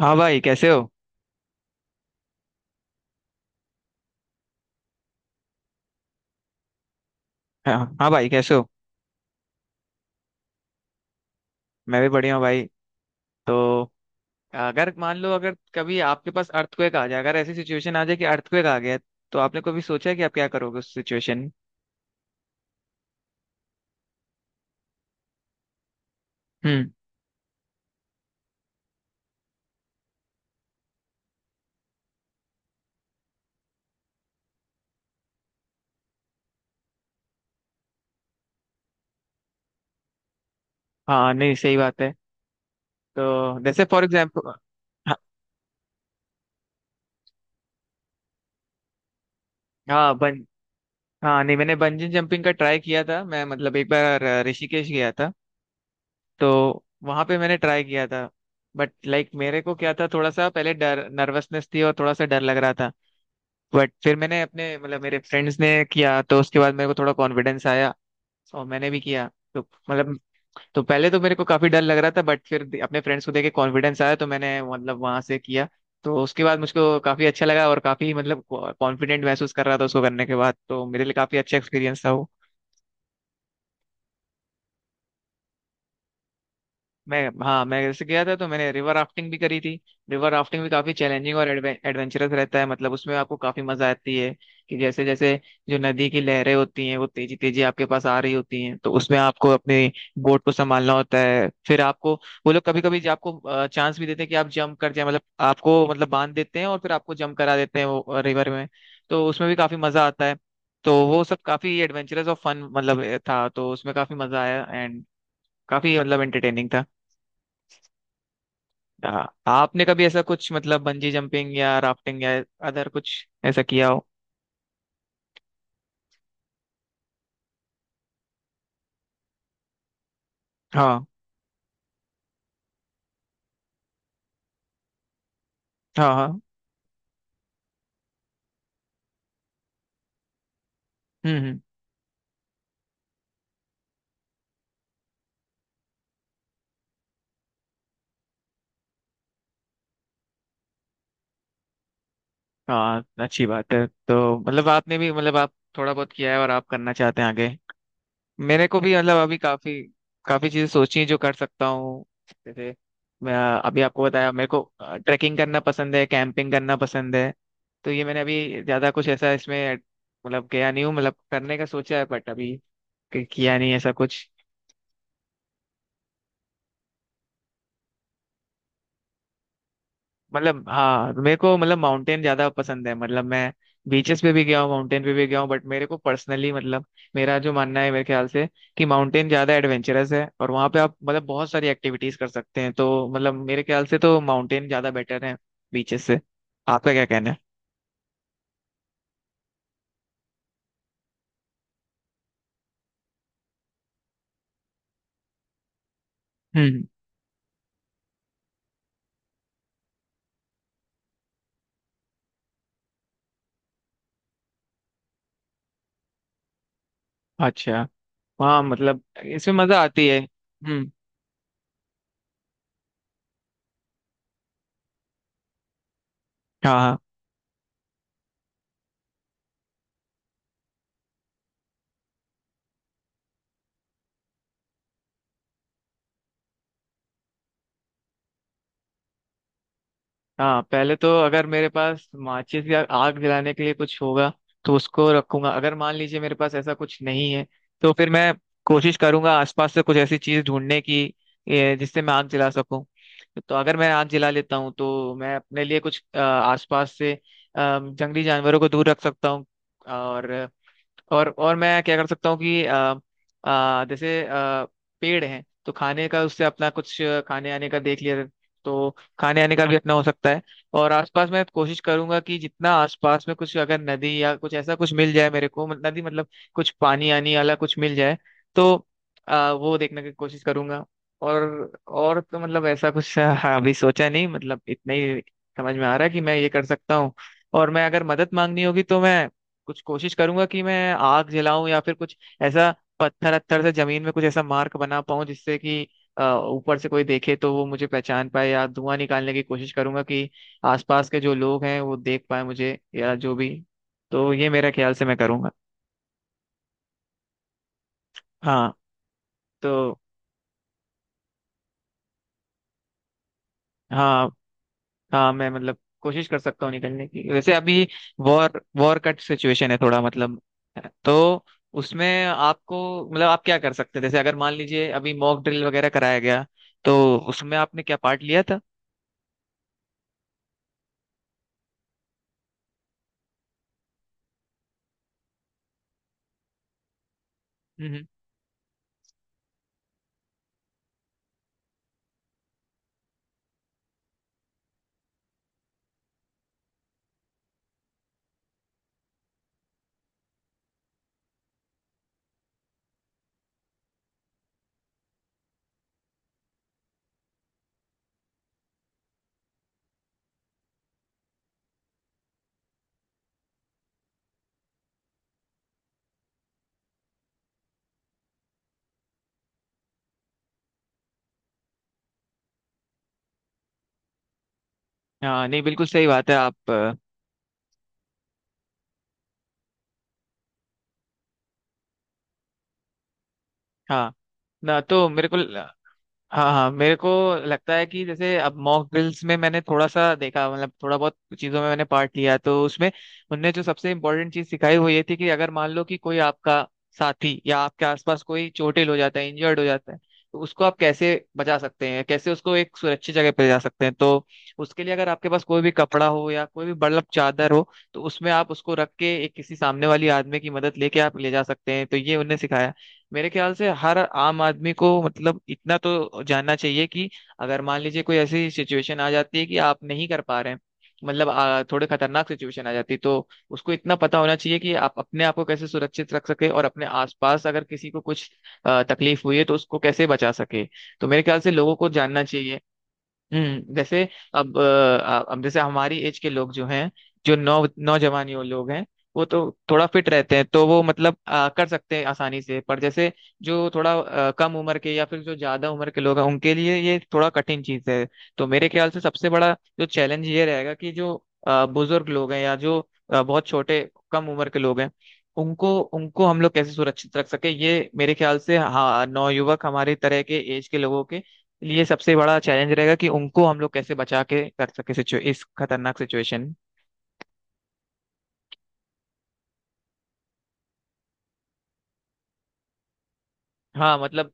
हाँ भाई, कैसे हो? हाँ। हाँ भाई, कैसे हो? मैं भी बढ़िया हूँ भाई। तो अगर मान लो, अगर कभी आपके पास अर्थक्वेक आ जाए, अगर ऐसी सिचुएशन आ जाए कि अर्थक्वेक आ गया, तो आपने कभी सोचा है कि आप क्या करोगे उस सिचुएशन में? हम्म। हाँ नहीं, सही बात है। तो जैसे, फॉर एग्जाम्पल। हाँ, हाँ, बन हाँ नहीं, मैंने बंजी जंपिंग का ट्राई किया था। मैं मतलब एक बार ऋषिकेश गया था। तो वहां पे मैंने ट्राई किया था। बट लाइक मेरे को क्या था, थोड़ा सा पहले डर, नर्वसनेस थी, और थोड़ा सा डर लग रहा था। बट फिर मैंने अपने मतलब मेरे फ्रेंड्स ने किया, तो उसके बाद मेरे को थोड़ा कॉन्फिडेंस आया, और मैंने भी किया। तो मतलब, तो पहले तो मेरे को काफी डर लग रहा था, बट फिर अपने फ्रेंड्स को देख के कॉन्फिडेंस आया, तो मैंने मतलब वहां से किया। तो उसके बाद मुझको काफी अच्छा लगा, और काफी मतलब कॉन्फिडेंट महसूस कर रहा था उसको करने के बाद। तो मेरे लिए काफी अच्छा एक्सपीरियंस था वो। मैं हाँ, मैं जैसे गया था, तो मैंने रिवर राफ्टिंग भी करी थी। रिवर राफ्टिंग भी काफी चैलेंजिंग और एडवेंचरस रहता है। मतलब उसमें आपको काफी मजा आती है कि जैसे जैसे जो नदी की लहरें होती हैं, वो तेजी तेजी आपके पास आ रही होती हैं, तो उसमें आपको अपनी बोट को संभालना होता है। फिर आपको वो लोग कभी कभी आपको चांस भी देते हैं कि आप जंप कर जाए, मतलब आपको मतलब बांध देते हैं और फिर आपको जंप करा देते हैं वो रिवर में। तो उसमें भी काफी मजा आता है। तो वो सब काफी एडवेंचरस और फन मतलब था, तो उसमें काफी मजा आया, एंड काफी मतलब एंटरटेनिंग था। हाँ, आपने कभी ऐसा कुछ मतलब बंजी जंपिंग या राफ्टिंग या अदर कुछ ऐसा किया हो? हाँ। हाँ। हाँ। हम्म। हम्म। हाँ, अच्छी बात है। तो मतलब आपने भी मतलब आप थोड़ा बहुत किया है, और आप करना चाहते हैं आगे। मेरे को भी मतलब अभी काफी काफी चीजें सोची हैं जो कर सकता हूँ, जैसे, मैं अभी आपको बताया, मेरे को ट्रैकिंग करना पसंद है, कैंपिंग करना पसंद है। तो ये मैंने अभी ज्यादा कुछ ऐसा इसमें मतलब गया नहीं हूँ, मतलब करने का सोचा है बट अभी किया नहीं ऐसा कुछ। मतलब, हाँ, मेरे को मतलब माउंटेन ज्यादा पसंद है। मतलब मैं बीचेस पे भी गया हूँ, माउंटेन पे भी गया हूँ, बट मेरे को पर्सनली मतलब मेरा जो मानना है, मेरे ख्याल से, कि माउंटेन ज्यादा एडवेंचरस है, और वहाँ पे आप मतलब बहुत सारी एक्टिविटीज कर सकते हैं। तो मतलब मेरे ख्याल से तो माउंटेन ज्यादा बेटर है बीचेस से। आपका क्या कहना है? हम्म। अच्छा। हाँ मतलब इसमें मजा आती है। हम्म। हाँ। हाँ, पहले तो अगर मेरे पास माचिस या आग जलाने के लिए कुछ होगा, तो उसको रखूंगा। अगर मान लीजिए मेरे पास ऐसा कुछ नहीं है, तो फिर मैं कोशिश करूंगा आसपास से कुछ ऐसी चीज ढूंढने की, जिससे मैं आग जला सकूं। तो अगर मैं आग जला लेता हूँ, तो मैं अपने लिए कुछ आसपास से जंगली जानवरों को दूर रख सकता हूँ। और और मैं क्या कर सकता हूँ कि जैसे पेड़ हैं, तो खाने का उससे अपना कुछ खाने आने का देख लिया, तो खाने आने का भी अपना हो सकता है। और आसपास मैं कोशिश करूंगा कि जितना आसपास में कुछ अगर नदी या कुछ ऐसा कुछ मिल जाए मेरे को, नदी मतलब कुछ पानी आनी वाला कुछ मिल जाए, तो वो देखने की कोशिश करूंगा। और और तो मतलब ऐसा कुछ। हाँ, अभी सोचा नहीं, मतलब इतना ही समझ में आ रहा है कि मैं ये कर सकता हूँ। और मैं, अगर मदद मांगनी होगी, तो मैं कुछ कोशिश करूंगा कि मैं आग जलाऊं या फिर कुछ ऐसा, पत्थर अत्थर से जमीन में कुछ ऐसा मार्क बना पाऊं, जिससे कि अ, ऊपर से कोई देखे तो वो मुझे पहचान पाए, या धुआं निकालने की कोशिश करूंगा कि आसपास के जो लोग हैं वो देख पाए मुझे, या जो भी। तो ये मेरा ख्याल से मैं करूंगा। हाँ। तो हाँ, हाँ, मैं मतलब कोशिश कर सकता हूँ निकलने की, वैसे अभी वॉर वॉर कट सिचुएशन है थोड़ा मतलब। तो उसमें आपको, मतलब आप क्या कर सकते हैं जैसे अगर मान लीजिए अभी मॉक ड्रिल वगैरह कराया गया, तो उसमें आपने क्या पार्ट लिया था? हम्म। हम्म। हाँ नहीं, बिल्कुल सही बात है। आप हाँ, ना तो मेरे को, हाँ, हाँ, मेरे को लगता है कि जैसे अब मॉक ड्रिल्स में मैंने थोड़ा सा देखा, मतलब थोड़ा बहुत चीजों में मैंने पार्ट लिया, तो उसमें उनने जो सबसे इम्पोर्टेंट चीज सिखाई वो ये थी कि अगर मान लो कि कोई आपका साथी या आपके आसपास कोई चोटिल हो जाता है, इंजर्ड हो जाता है, तो उसको आप कैसे बचा सकते हैं, कैसे उसको एक सुरक्षित जगह पे ले जा सकते हैं। तो उसके लिए अगर आपके पास कोई भी कपड़ा हो या कोई भी बर्लप चादर हो, तो उसमें आप उसको रख के एक किसी सामने वाली आदमी की मदद लेके आप ले जा सकते हैं। तो ये उनने सिखाया। मेरे ख्याल से हर आम आदमी को मतलब इतना तो जानना चाहिए कि अगर मान लीजिए कोई ऐसी सिचुएशन आ जाती है कि आप नहीं कर पा रहे हैं, मतलब थोड़े खतरनाक सिचुएशन आ जाती है, तो उसको इतना पता होना चाहिए कि आप अपने आप को कैसे सुरक्षित रख सके, और अपने आसपास अगर किसी को कुछ तकलीफ हुई है तो उसको कैसे बचा सके। तो मेरे ख्याल से लोगों को जानना चाहिए। हम्म। जैसे अब अब जैसे हमारी एज के लोग जो हैं, जो नौ नौजवान यो लोग हैं, वो तो थोड़ा फिट रहते हैं, तो वो मतलब कर सकते हैं आसानी से। पर जैसे जो थोड़ा कम उम्र के, या फिर जो ज्यादा उम्र के लोग हैं, उनके लिए ये थोड़ा कठिन चीज है। तो मेरे ख्याल से सबसे बड़ा जो चैलेंज ये रहेगा, कि जो बुजुर्ग लोग हैं, या जो बहुत छोटे कम उम्र के लोग हैं, उनको उनको हम लोग कैसे सुरक्षित रख सके। ये मेरे ख्याल से, हाँ, नौयुवक हमारे तरह के एज के लोगों के लिए सबसे बड़ा चैलेंज रहेगा, कि उनको हम लोग कैसे बचा के रख सके, सिचु इस खतरनाक सिचुएशन। हाँ मतलब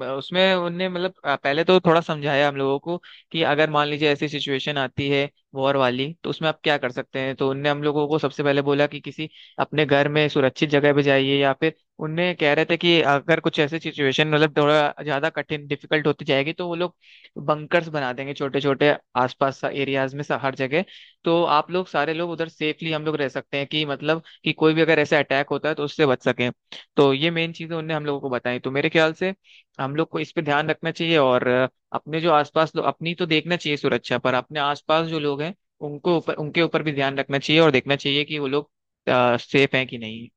उसमें उनने मतलब पहले तो थोड़ा समझाया हम लोगों को कि अगर मान लीजिए ऐसी सिचुएशन आती है वॉर वाली, तो उसमें आप क्या कर सकते हैं। तो उनने हम लोगों को सबसे पहले बोला कि किसी अपने घर में सुरक्षित जगह पे जाइए, या फिर उनने कह रहे थे कि अगर कुछ ऐसी सिचुएशन मतलब थोड़ा ज्यादा कठिन डिफिकल्ट होती जाएगी, तो वो लोग बंकर्स बना देंगे छोटे छोटे आसपास एरियाज में, हर जगह। तो आप लोग सारे लोग उधर सेफली हम लोग रह सकते हैं कि मतलब कि कोई भी अगर ऐसा अटैक होता है तो उससे बच सके। तो ये मेन चीजें उनने हम लोगों को बताई। तो मेरे ख्याल से हम लोग को इस पे ध्यान रखना चाहिए, और अपने जो आसपास लोग अपनी तो देखना चाहिए सुरक्षा, पर अपने आसपास जो लोग हैं उनको ऊपर उनके ऊपर भी ध्यान रखना चाहिए, और देखना चाहिए कि वो लोग सेफ हैं कि नहीं।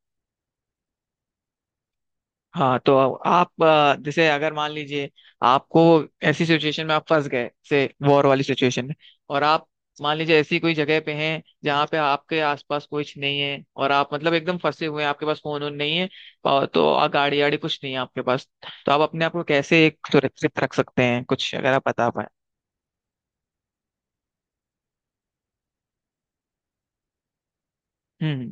हाँ। तो आप जैसे अगर मान लीजिए आपको ऐसी सिचुएशन में आप फंस गए जैसे वॉर वाली सिचुएशन में, और आप मान लीजिए ऐसी कोई जगह पे हैं जहाँ पे आपके आसपास कुछ नहीं है, और आप मतलब एकदम फंसे हुए हैं, आपके पास फोन वोन नहीं है, और तो गाड़ी वाड़ी कुछ नहीं है आपके पास, तो आप अपने आप को कैसे एक सुरक्षित रख सकते हैं, कुछ अगर आप बता पाए?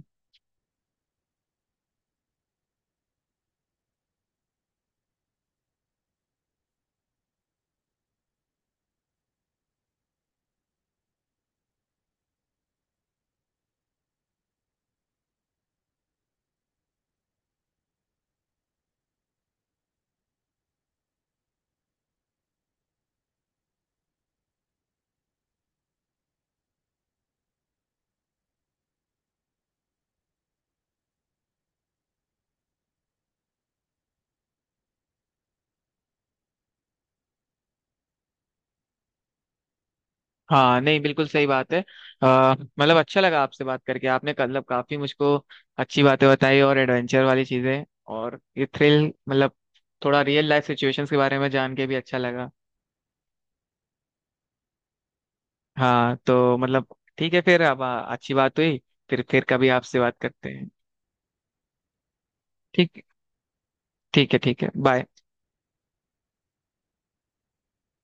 हाँ नहीं, बिल्कुल सही बात है। मतलब अच्छा लगा आपसे बात करके। आपने मतलब काफी मुझको अच्छी बातें बताई, और एडवेंचर वाली चीजें, और ये थ्रिल मतलब, थोड़ा रियल लाइफ सिचुएशंस के बारे में जान के भी अच्छा लगा। हाँ तो मतलब ठीक है फिर अब, अच्छी बात हुई। फिर कभी आपसे बात करते हैं। ठीक ठीक है, ठीक है, बाय।